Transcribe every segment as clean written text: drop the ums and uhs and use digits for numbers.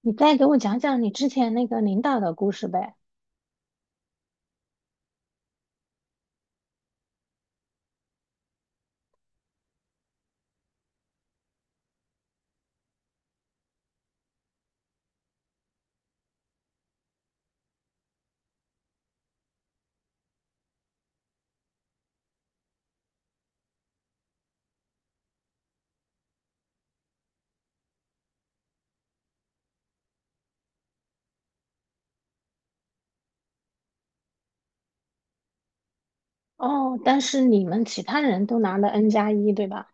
你再给我讲讲你之前那个领导的故事呗。哦，但是你们其他人都拿了 N 加一，对吧？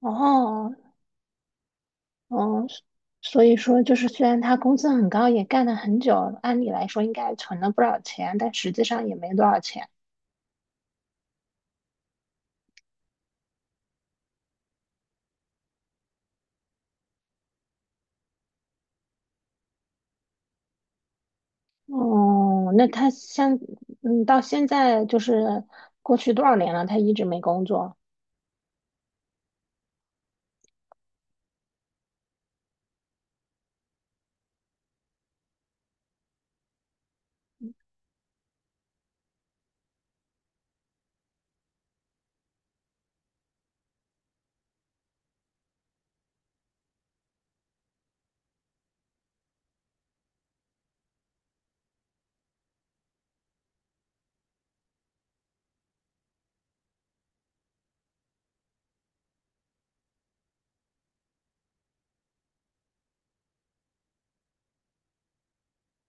哦。哦，所以说虽然他工资很高，也干了很久，按理来说应该存了不少钱，但实际上也没多少钱。哦，那他像，嗯，到现在过去多少年了，他一直没工作。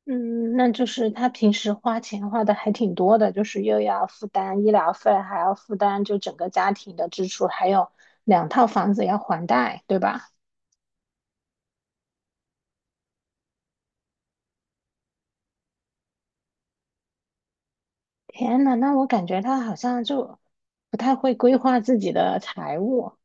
嗯，那就是他平时花钱花的还挺多的，就是又要负担医疗费，还要负担就整个家庭的支出，还有两套房子要还贷，对吧？天呐，那我感觉他好像就不太会规划自己的财务。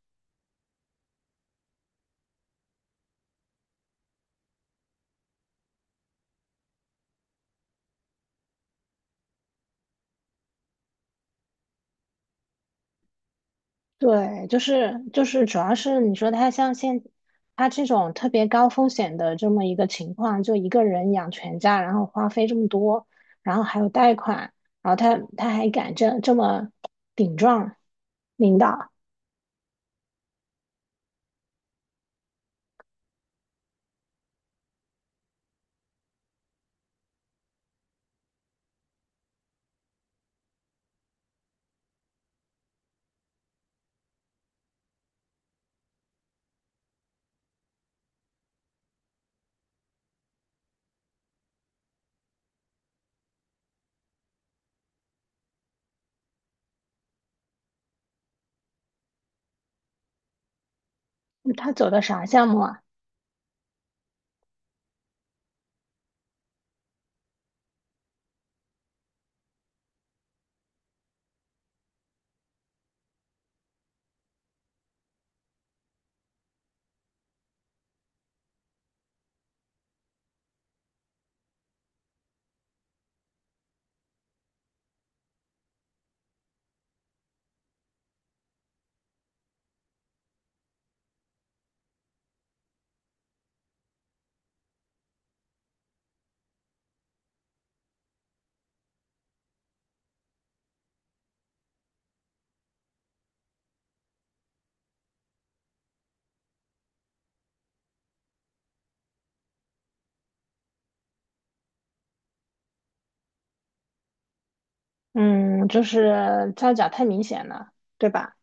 对，就是，主要是你说他像他这种特别高风险的这么一个情况，就一个人养全家，然后花费这么多，然后还有贷款，然后他还敢这么顶撞领导，他走的啥项目啊？嗯，就是造假太明显了，对吧？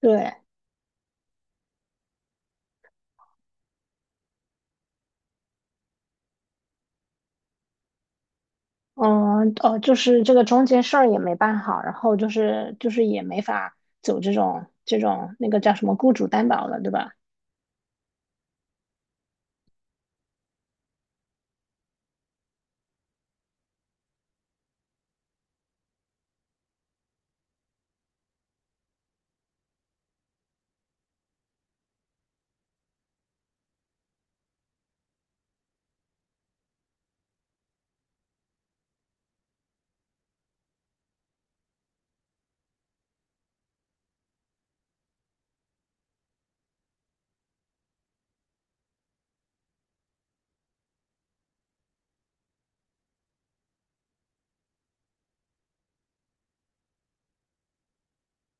对。嗯哦，就是这个中间事儿也没办好，然后也没法走这种那个叫什么雇主担保了，对吧？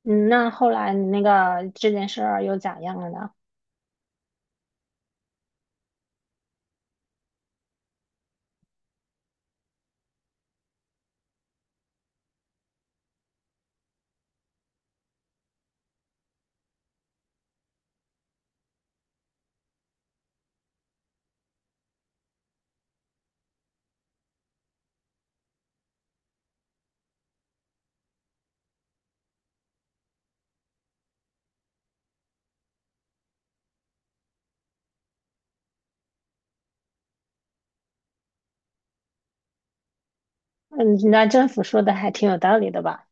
嗯，那后来你那个这件事儿又咋样了呢？嗯，那政府说的还挺有道理的吧？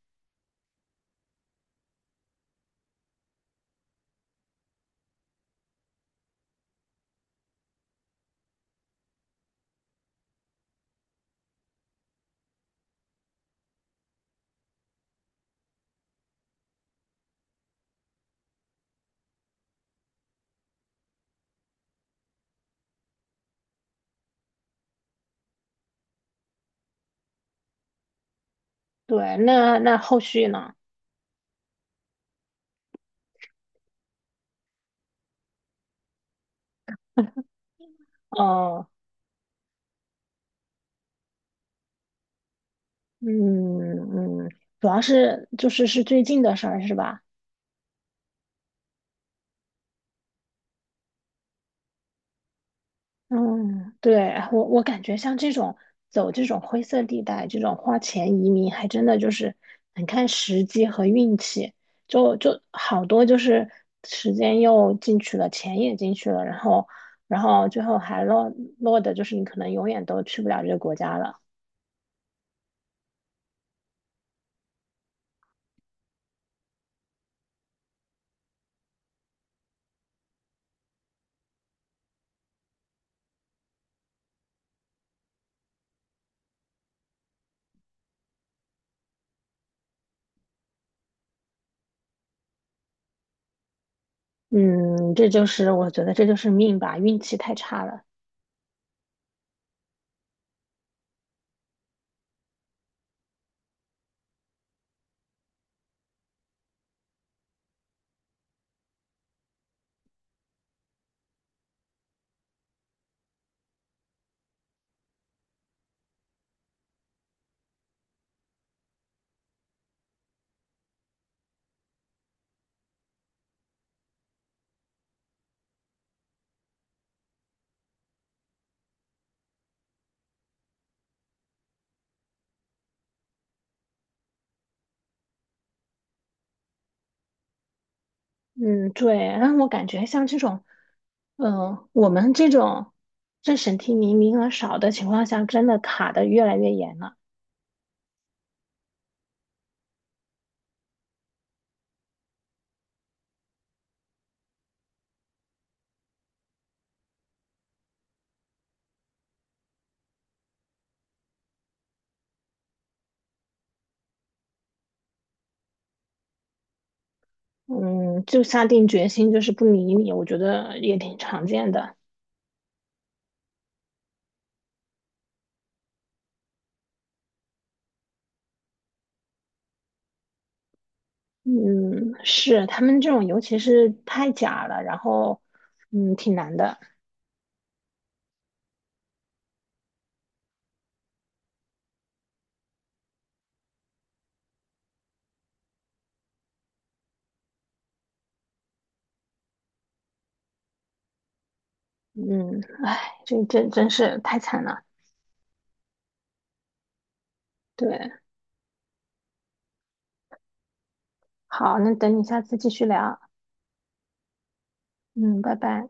对，那那后续呢？哦。嗯。嗯，主要是就是最近的事儿是吧？嗯，对，我感觉像这种走这种灰色地带，这种花钱移民，还真的就是很看时机和运气。就就好多就是时间又进去了，钱也进去了，然后然后最后还落的就是你可能永远都去不了这个国家了。嗯，这就是我觉得这就是命吧，运气太差了。嗯，对，让我感觉像这种，嗯、我们这种政审提名名额少的情况下，真的卡的越来越严了。嗯，就下定决心就是不理你，我觉得也挺常见的。嗯，是他们这种，尤其是太假了，然后嗯，挺难的。嗯，唉，这真是太惨了。对，好，那等你下次继续聊。嗯，拜拜。